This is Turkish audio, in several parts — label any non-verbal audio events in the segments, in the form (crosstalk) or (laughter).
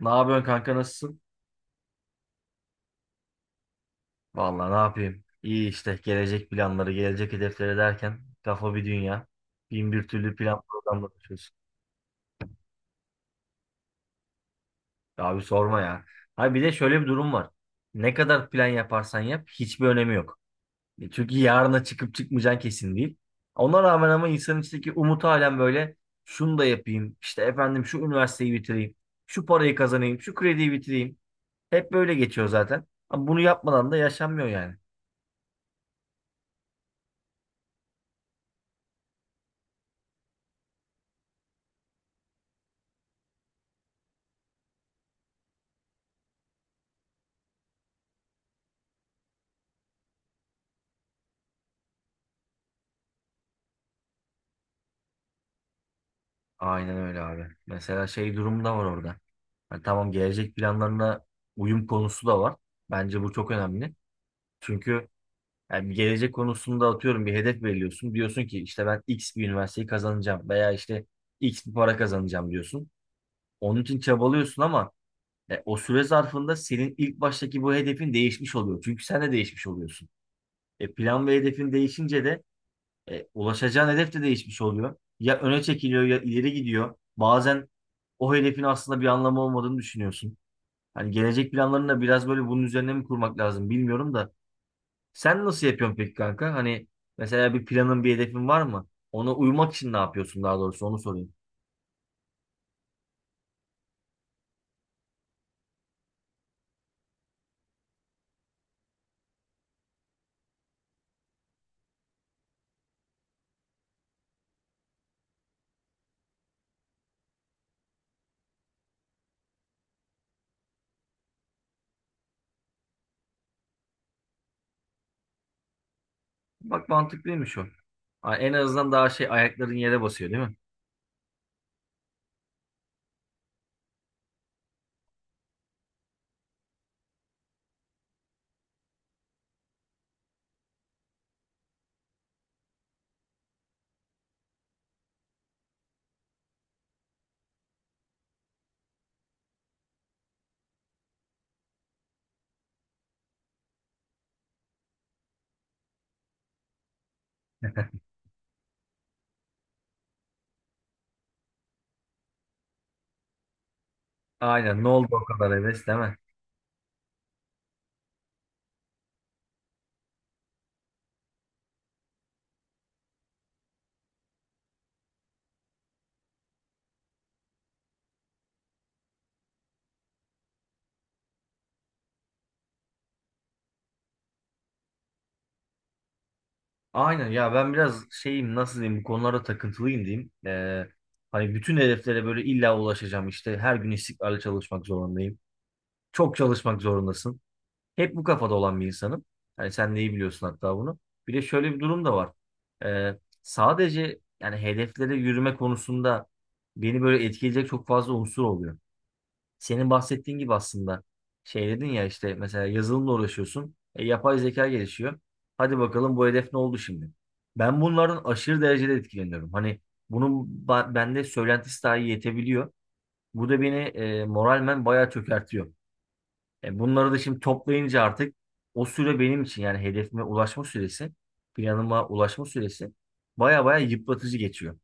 Ne yapıyorsun kanka nasılsın? Vallahi ne yapayım? İyi işte gelecek planları, gelecek hedefleri derken kafa bir dünya. Bin bir türlü plan programla çalışıyorsun. Abi sorma ya. Abi bir de şöyle bir durum var. Ne kadar plan yaparsan yap hiçbir önemi yok. Çünkü yarına çıkıp çıkmayacağın kesin değil. Ona rağmen ama insanın içindeki umut halen böyle şunu da yapayım. İşte efendim şu üniversiteyi bitireyim. Şu parayı kazanayım. Şu krediyi bitireyim. Hep böyle geçiyor zaten. Ama bunu yapmadan da yaşanmıyor yani. Aynen öyle abi. Mesela şey durumu da var orada. Hani tamam gelecek planlarına uyum konusu da var. Bence bu çok önemli. Çünkü yani bir gelecek konusunda atıyorum bir hedef belirliyorsun. Diyorsun ki işte ben X bir üniversiteyi kazanacağım veya işte X bir para kazanacağım diyorsun. Onun için çabalıyorsun ama o süre zarfında senin ilk baştaki bu hedefin değişmiş oluyor. Çünkü sen de değişmiş oluyorsun. Plan ve hedefin değişince de ulaşacağın hedef de değişmiş oluyor. Ya öne çekiliyor ya ileri gidiyor. Bazen o hedefin aslında bir anlamı olmadığını düşünüyorsun. Hani gelecek planlarını da biraz böyle bunun üzerine mi kurmak lazım bilmiyorum da. Sen nasıl yapıyorsun peki kanka? Hani mesela bir planın bir hedefin var mı? Ona uymak için ne yapıyorsun daha doğrusu onu sorayım. Bak mantıklıymış o. Ha, en azından daha şey ayakların yere basıyor değil mi? Aynen ne oldu o kadar heves değil mi? Aynen ya ben biraz şeyim nasıl diyeyim bu konulara takıntılıyım diyeyim. Hani bütün hedeflere böyle illa ulaşacağım işte her gün istikrarlı çalışmak zorundayım. Çok çalışmak zorundasın. Hep bu kafada olan bir insanım. Hani sen neyi biliyorsun hatta bunu. Bir de şöyle bir durum da var. Sadece yani hedeflere yürüme konusunda beni böyle etkileyecek çok fazla unsur oluyor. Senin bahsettiğin gibi aslında şey dedin ya işte mesela yazılımla uğraşıyorsun. Yapay zeka gelişiyor. Hadi bakalım bu hedef ne oldu şimdi? Ben bunlardan aşırı derecede etkileniyorum. Hani bunun bende söylentisi dahi yetebiliyor. Bu da beni moralmen bayağı çökertiyor. Bunları da şimdi toplayınca artık o süre benim için yani hedefime ulaşma süresi, planıma ulaşma süresi baya baya yıpratıcı geçiyor.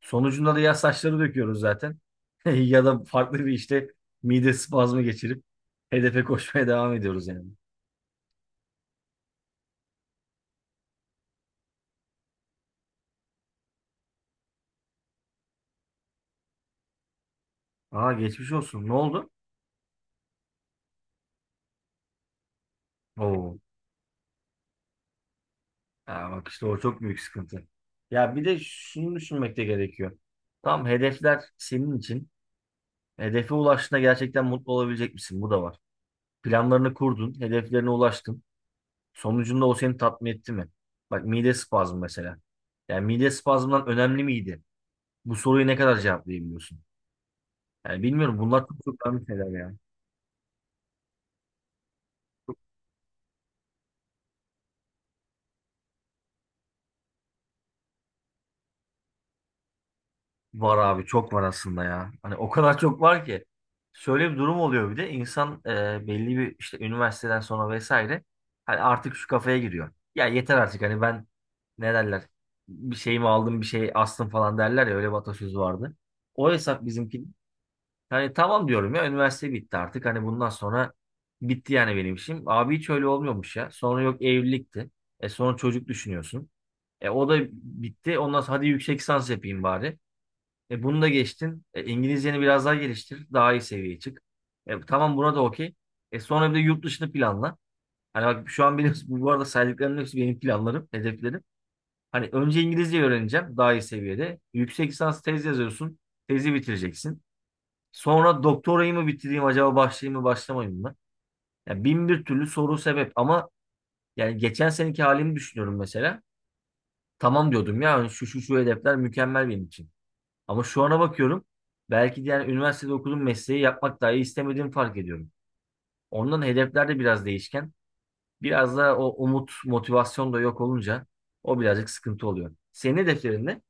Sonucunda da ya saçları döküyoruz zaten (laughs) ya da farklı bir işte mide spazmı geçirip hedefe koşmaya devam ediyoruz yani. Aa geçmiş olsun. Ne oldu? Oo. Aa, bak işte o çok büyük sıkıntı. Ya bir de şunu düşünmek de gerekiyor. Tam hedefler senin için. Hedefe ulaştığında gerçekten mutlu olabilecek misin? Bu da var. Planlarını kurdun, hedeflerine ulaştın. Sonucunda o seni tatmin etti mi? Bak mide spazmı mesela. Yani mide spazmından önemli miydi? Bu soruyu ne kadar cevaplayabiliyorsun? Yani bilmiyorum bunlar çok çok önemli şeyler ya. Var abi çok var aslında ya. Hani o kadar çok var ki. Şöyle bir durum oluyor bir de insan belli bir işte üniversiteden sonra vesaire hani artık şu kafaya giriyor. Ya yeter artık hani ben ne derler bir şeyimi aldım bir şey astım falan derler ya öyle bir atasözü vardı. O hesap bizimki. Hani tamam diyorum ya üniversite bitti artık hani bundan sonra bitti yani benim işim. Abi hiç öyle olmuyormuş ya. Sonra yok evlilikti. Sonra çocuk düşünüyorsun. O da bitti. Ondan sonra hadi yüksek lisans yapayım bari. Bunu da geçtin. İngilizceni biraz daha geliştir. Daha iyi seviyeye çık. Tamam buna da okey. Sonra bir de yurt dışını planla. Hani bak şu an benim (laughs) bu arada saydıklarımın hepsi benim planlarım, hedeflerim. Hani önce İngilizce öğreneceğim daha iyi seviyede. Yüksek lisans tez yazıyorsun. Tezi bitireceksin. Sonra doktorayı mı bitireyim acaba başlayayım mı başlamayayım mı? Yani bin bir türlü soru sebep ama yani geçen seneki halimi düşünüyorum mesela. Tamam diyordum ya hani şu şu şu hedefler mükemmel benim için. Ama şu ana bakıyorum belki de yani üniversitede okuduğum mesleği yapmak dahi istemediğimi fark ediyorum. Ondan hedefler de biraz değişken. Biraz da o umut, motivasyon da yok olunca o birazcık sıkıntı oluyor. Senin hedeflerin ne?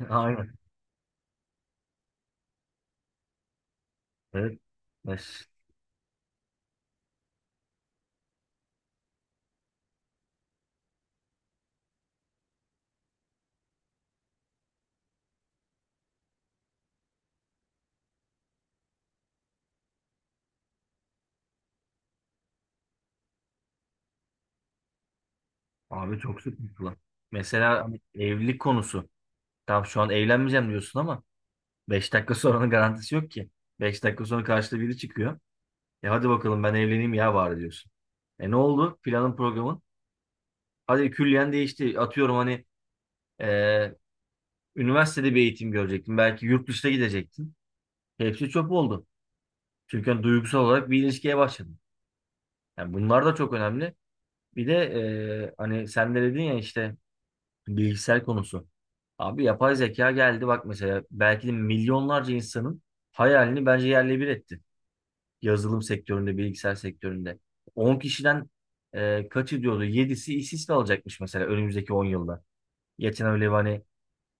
(laughs) Aynen. Evet. Mes- Abi çok sıkıntı lan. Mesela hani evlilik konusu. Tam şu an evlenmeyeceğim diyorsun ama 5 dakika sonranın garantisi yok ki. 5 dakika sonra karşıda biri çıkıyor. Hadi bakalım ben evleneyim ya bari diyorsun. Ne oldu? Planın programın. Hadi külliyen değişti. Atıyorum hani Ee, üniversitede bir eğitim görecektin. Belki yurt dışına gidecektin. Hepsi çöp oldu. Çünkü hani duygusal olarak bir ilişkiye başladın. Yani bunlar da çok önemli. Bir de hani sen de dedin ya işte bilgisayar konusu. Abi yapay zeka geldi bak mesela belki de milyonlarca insanın hayalini bence yerle bir etti. Yazılım sektöründe, bilgisayar sektöründe. 10 kişiden kaçı diyordu? 7'si işsiz kalacakmış mesela önümüzdeki 10 yılda. Geçen öyle bir hani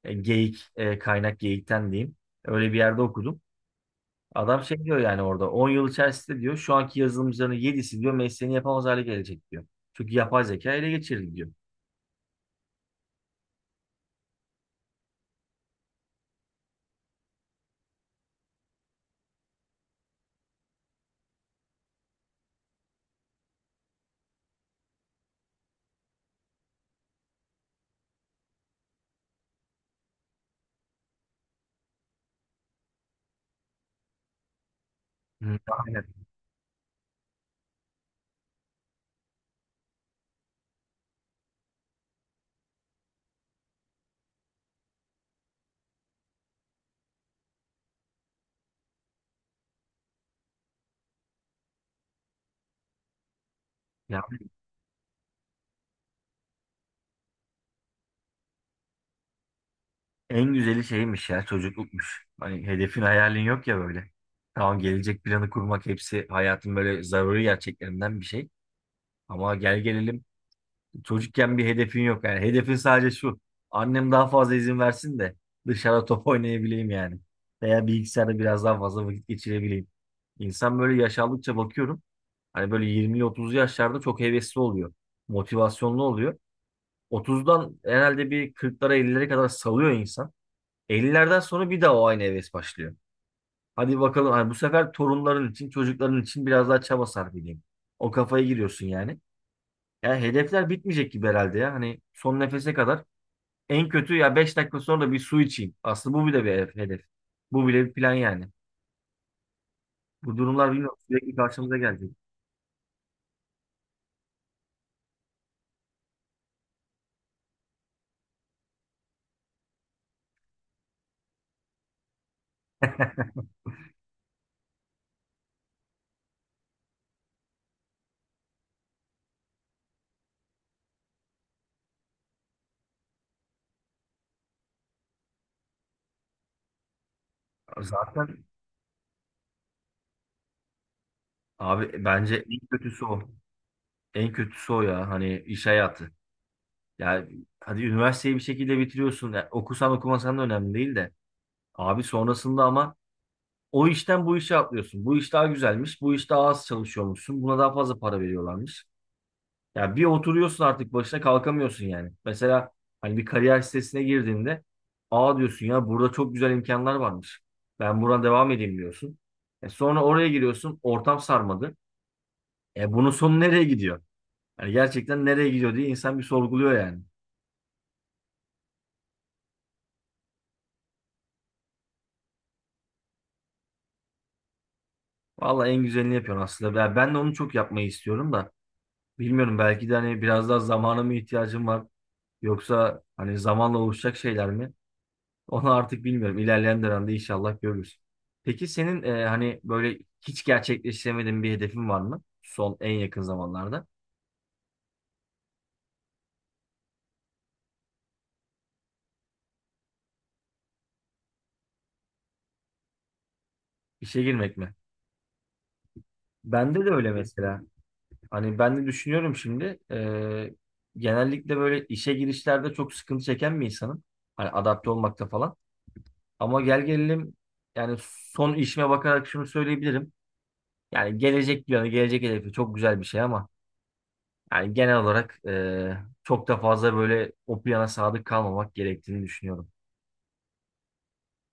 Geyik, kaynak geyikten diyeyim. Öyle bir yerde okudum. Adam şey diyor yani orada 10 yıl içerisinde diyor şu anki yazılımcıların yedisi diyor mesleğini yapamaz hale gelecek diyor. Çünkü yapay zeka ele geçirdi diyor. Hı. Aynen. Ya en güzeli şeymiş ya çocuklukmuş. Hani hedefin hayalin yok ya böyle. Tamam gelecek planı kurmak hepsi hayatın böyle zaruri gerçeklerinden bir şey. Ama gel gelelim çocukken bir hedefin yok yani. Hedefin sadece şu. Annem daha fazla izin versin de dışarıda top oynayabileyim yani. Veya bilgisayarda biraz daha fazla vakit geçirebileyim. İnsan böyle yaş aldıkça bakıyorum. Hani böyle 20'li 30'lu yaşlarda çok hevesli oluyor. Motivasyonlu oluyor. 30'dan herhalde bir 40'lara 50'lere kadar salıyor insan. 50'lerden sonra bir daha o aynı heves başlıyor. Hadi bakalım hani bu sefer torunların için, çocukların için biraz daha çaba sarf edeyim. O kafaya giriyorsun yani. Yani hedefler bitmeyecek gibi herhalde ya. Hani son nefese kadar en kötü ya 5 dakika sonra da bir su içeyim. Aslında bu bile bir hedef. Hedef. Bu bile bir plan yani. Bu durumlar bilmiyorum sürekli karşımıza gelecek. Zaten abi bence en kötüsü o. En kötüsü o ya hani iş hayatı. Yani hadi üniversiteyi bir şekilde bitiriyorsun. Yani okusan okumasan da önemli değil de. Abi sonrasında ama o işten bu işe atlıyorsun. Bu iş daha güzelmiş. Bu iş daha az çalışıyormuşsun. Buna daha fazla para veriyorlarmış. Ya bir oturuyorsun artık başına kalkamıyorsun yani. Mesela hani bir kariyer sitesine girdiğinde aa diyorsun ya burada çok güzel imkanlar varmış. Ben buradan devam edeyim diyorsun. Sonra oraya giriyorsun ortam sarmadı. Bunun sonu nereye gidiyor? Yani gerçekten nereye gidiyor diye insan bir sorguluyor yani. Vallahi en güzelini yapıyorsun aslında. Ben de onu çok yapmayı istiyorum da. Bilmiyorum belki de hani biraz daha zamana mı ihtiyacım var? Yoksa hani zamanla oluşacak şeyler mi? Onu artık bilmiyorum. İlerleyen dönemde inşallah görürüz. Peki senin hani böyle hiç gerçekleştiremediğin bir hedefin var mı? Son en yakın zamanlarda. İşe girmek mi? Bende de öyle mesela. Hani ben de düşünüyorum şimdi. Genellikle böyle işe girişlerde çok sıkıntı çeken bir insanım. Hani adapte olmakta falan. Ama gel gelelim yani son işime bakarak şunu söyleyebilirim. Yani gelecek planı, gelecek hedefi çok güzel bir şey ama yani genel olarak çok da fazla böyle o plana sadık kalmamak gerektiğini düşünüyorum.